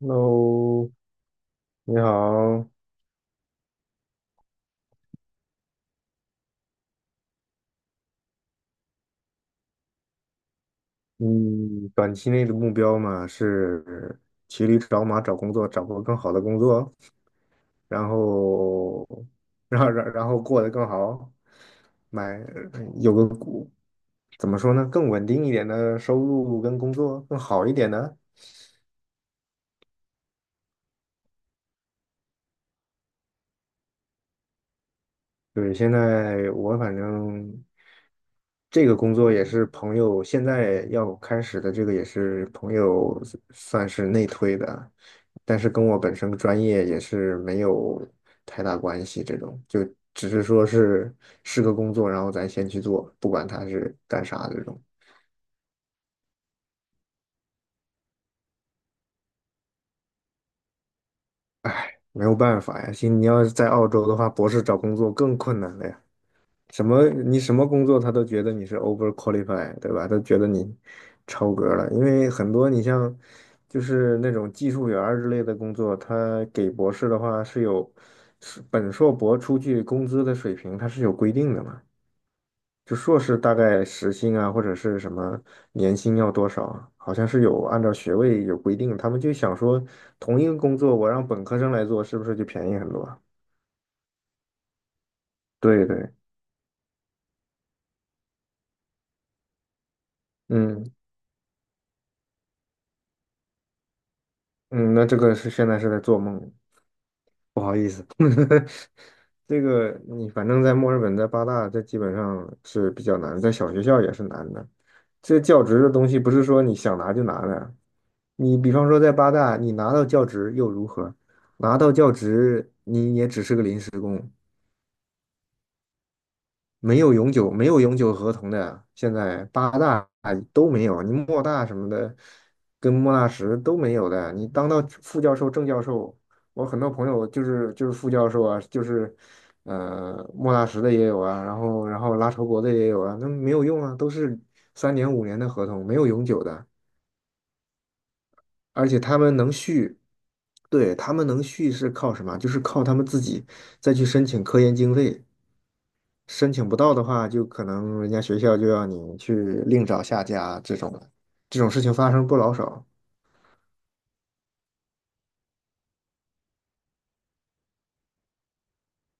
Hello，你好。嗯，短期内的目标嘛是骑驴找马找工作，找个更好的工作，然后，然后过得更好，买有个股怎么说呢，更稳定一点的收入跟工作更好一点的。对，现在我反正这个工作也是朋友，现在要开始的这个也是朋友算是内推的，但是跟我本身专业也是没有太大关系，这种就只是说是个工作，然后咱先去做，不管他是干啥这种。唉，没有办法呀，现你要是在澳洲的话，博士找工作更困难了呀。什么你什么工作他都觉得你是 over q u a l i f y 对吧？都觉得你超格了，因为很多你像就是那种技术员儿之类的工作，他给博士的话是是本硕博出去工资的水平，它是有规定的嘛。就硕士大概时薪啊，或者是什么年薪要多少啊好像是有按照学位有规定。他们就想说，同一个工作我让本科生来做，是不是就便宜很多啊？对对，嗯嗯，那这个是现在是在做梦。不好意思，这个你反正在墨尔本，在八大，这基本上是比较难的，在小学校也是难的。这教职的东西不是说你想拿就拿的，你比方说在八大，你拿到教职又如何？拿到教职，你也只是个临时工。没有永久合同的，现在八大都没有，你莫大什么的，跟莫纳什都没有的。你当到副教授、正教授，我很多朋友就是副教授啊，就是莫纳什的也有啊，然后拉筹伯的也有啊，那没有用啊，都是三年五年的合同，没有永久的，而且他们能续。对，他们能续是靠什么？就是靠他们自己再去申请科研经费。申请不到的话，就可能人家学校就要你去另找下家这种了，这种事情发生不老少。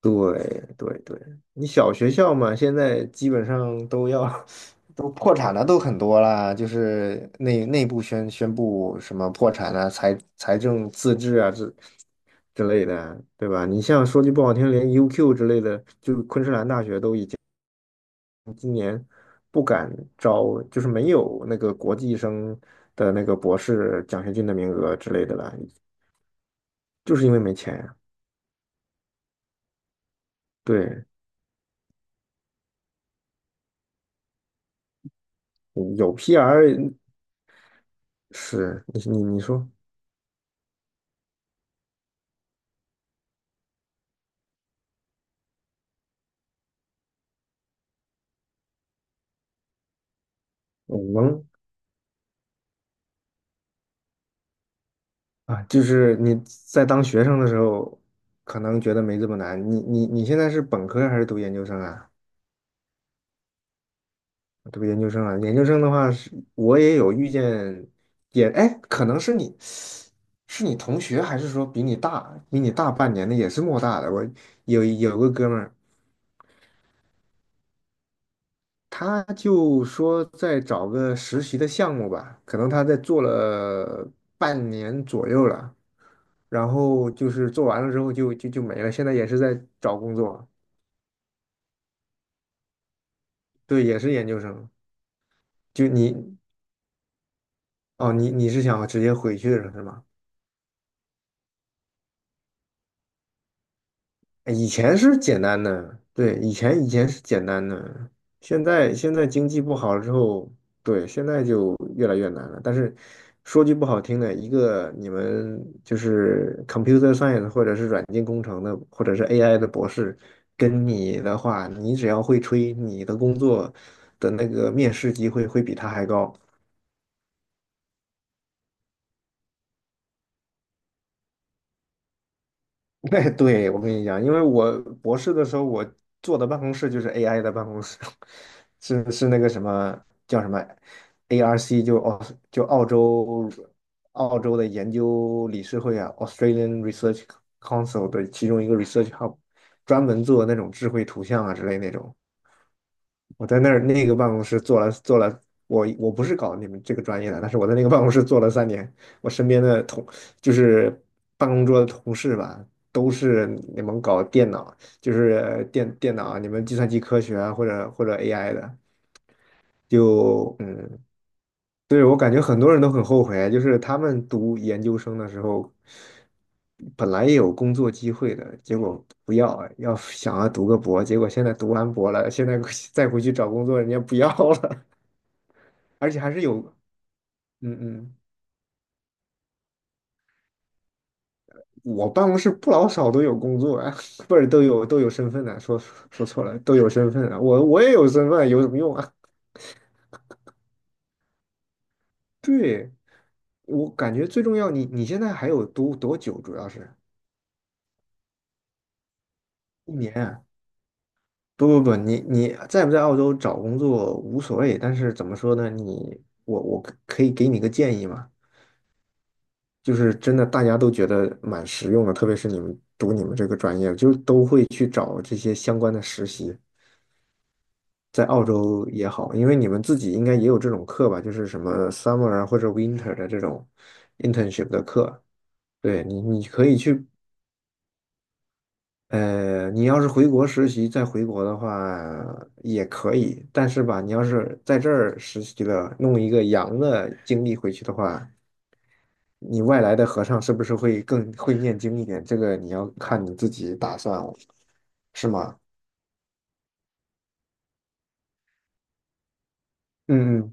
对对对，你小学校嘛，现在基本上都要 都破产了，都很多啦，就是内部宣布什么破产啊、财政自治啊之类的，对吧？你像说句不好听，连 UQ 之类的，就昆士兰大学都已经。今年不敢招，就是没有那个国际生的那个博士奖学金的名额之类的了，就是因为没钱呀。对，嗯有 PR。 是你说我能啊，就是你在当学生的时候，可能觉得没这么难。你现在是本科还是读研究生啊？这个研究生啊，研究生的话是，我也有遇见，也哎，可能是你，是你同学，还是说比你大，比你大半年的，也是莫大的。我有个哥们儿，他就说在找个实习的项目吧，可能他在做了半年左右了，然后就是做完了之后就没了，现在也是在找工作，对，也是研究生。就你哦，你是想直接回去了是吗？哎以前是简单的，对，以前是简单的，现在经济不好了之后，对，现在就越来越难了。但是说句不好听的，一个你们就是 computer science 或者是软件工程的，或者是 AI 的博士，跟你的话，你只要会吹，你的工作的那个面试机会会比他还高。对，对，我跟你讲，因为我博士的时候，我坐的办公室就是 AI 的办公室，是那个什么叫什么 ARC，就澳就澳洲澳洲的研究理事会啊，Australian Research Council 的其中一个 research hub，专门做那种智慧图像啊之类那种。我在那儿那个办公室做了，我不是搞你们这个专业的，但是我在那个办公室做了三年，我身边的同就是办公桌的同事吧，都是你们搞电脑，就是电脑啊，你们计算机科学啊，或者 AI 的，就嗯。对，我感觉很多人都很后悔，就是他们读研究生的时候，本来也有工作机会的，结果不要，要想要读个博，结果现在读完博了，现在 再回去找工作，人家不要了，而且还是有，嗯嗯，我办公室不老少都有工作啊，不是都有身份的，说说错了，都有身份啊，我也有身份，有什么用啊？对，我感觉最重要，你现在还有多久？主要是一年啊，不不不，你在不在澳洲找工作无所谓，但是怎么说呢？我可以给你个建议嘛，就是真的大家都觉得蛮实用的，特别是你们读你们这个专业，就都会去找这些相关的实习，在澳洲也好，因为你们自己应该也有这种课吧，就是什么 summer 啊或者 winter 的这种 internship 的课，对你可以去你要是回国实习再回国的话也可以，但是吧，你要是在这儿实习了，弄一个洋的经历回去的话，你外来的和尚是不是会更会念经一点？这个你要看你自己打算了，是吗？嗯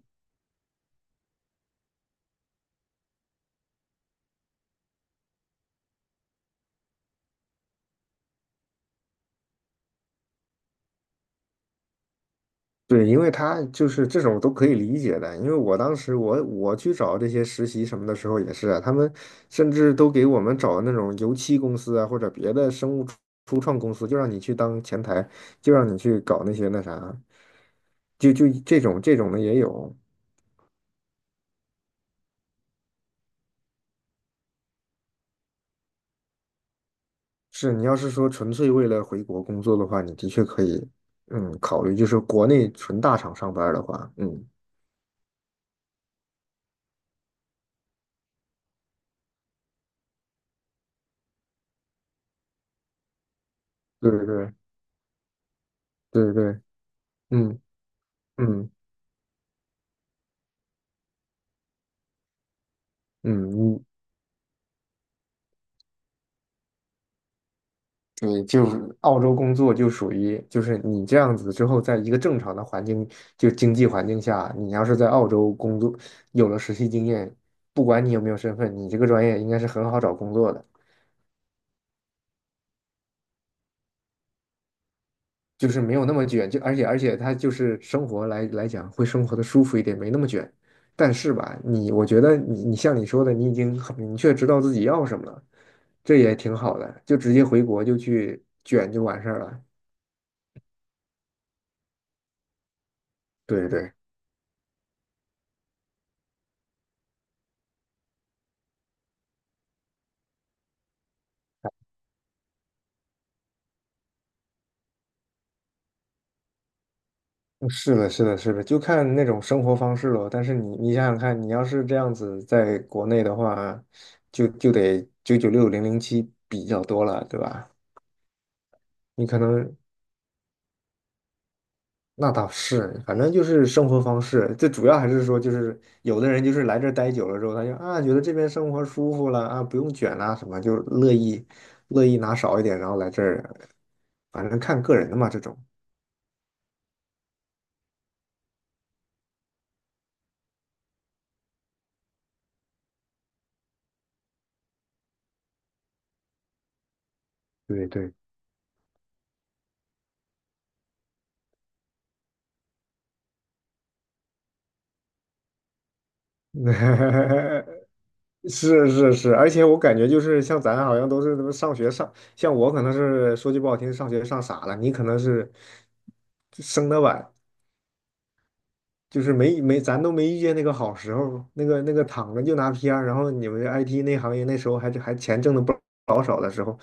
对，因为他就是这种都可以理解的，因为我当时我去找这些实习什么的时候也是啊，他们甚至都给我们找那种油漆公司啊，或者别的生物初创公司，就让你去当前台，就让你去搞那些那啥，这种的也有。是你要是说纯粹为了回国工作的话，你的确可以，嗯，考虑就是国内纯大厂上班儿的话，嗯，对对对对对，嗯嗯嗯，对，就是澳洲工作就属于，就是你这样子之后，在一个正常的环境，就经济环境下，你要是在澳洲工作，有了实习经验，不管你有没有身份，你这个专业应该是很好找工作的，就是没有那么卷，就而且他就是生活来讲，会生活的舒服一点，没那么卷。但是吧，我觉得你像你说的，你已经很明确知道自己要什么了，这也挺好的，就直接回国就去卷就完事儿了。对对。嗯是的，是的，是的，就看那种生活方式了。但是你，你想想看，你要是这样子在国内的话，就得996 007比较多了，对吧？你可能那倒是，反正就是生活方式，最主要还是说，就是有的人就是来这儿待久了之后，他就啊觉得这边生活舒服了啊，不用卷啦什么，就乐意拿少一点，然后来这儿，反正看个人的嘛，这种。对对，是是是，而且我感觉就是像咱好像都是他妈上学上，像我可能是说句不好听，上学上傻了，你可能是生的晚，就是没没咱都没遇见那个好时候，那个那个躺着就拿 PR，然后你们 IT 那行业那时候还钱挣的不老少的时候，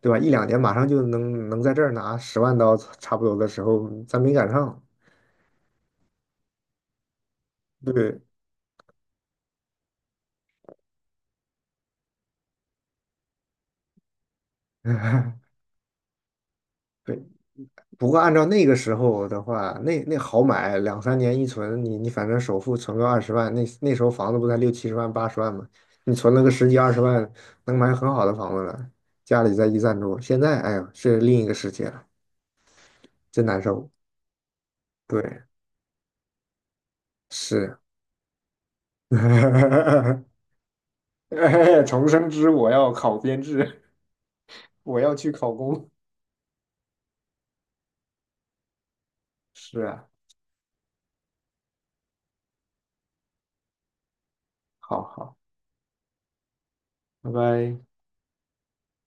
对吧？一两年马上就能在这儿拿10万刀差不多的时候，咱没赶上，对，对。不过按照那个时候的话，那好买，两三年一存，你反正首付存个二十万，那时候房子不才六七十万、八十万吗？你存了个十几二十万，能买很好的房子了。家里再一赞助，现在哎呀，是另一个世界了，真难受。对，是，哎，重生之我要考编制，我要去考公。是啊，好好，拜拜。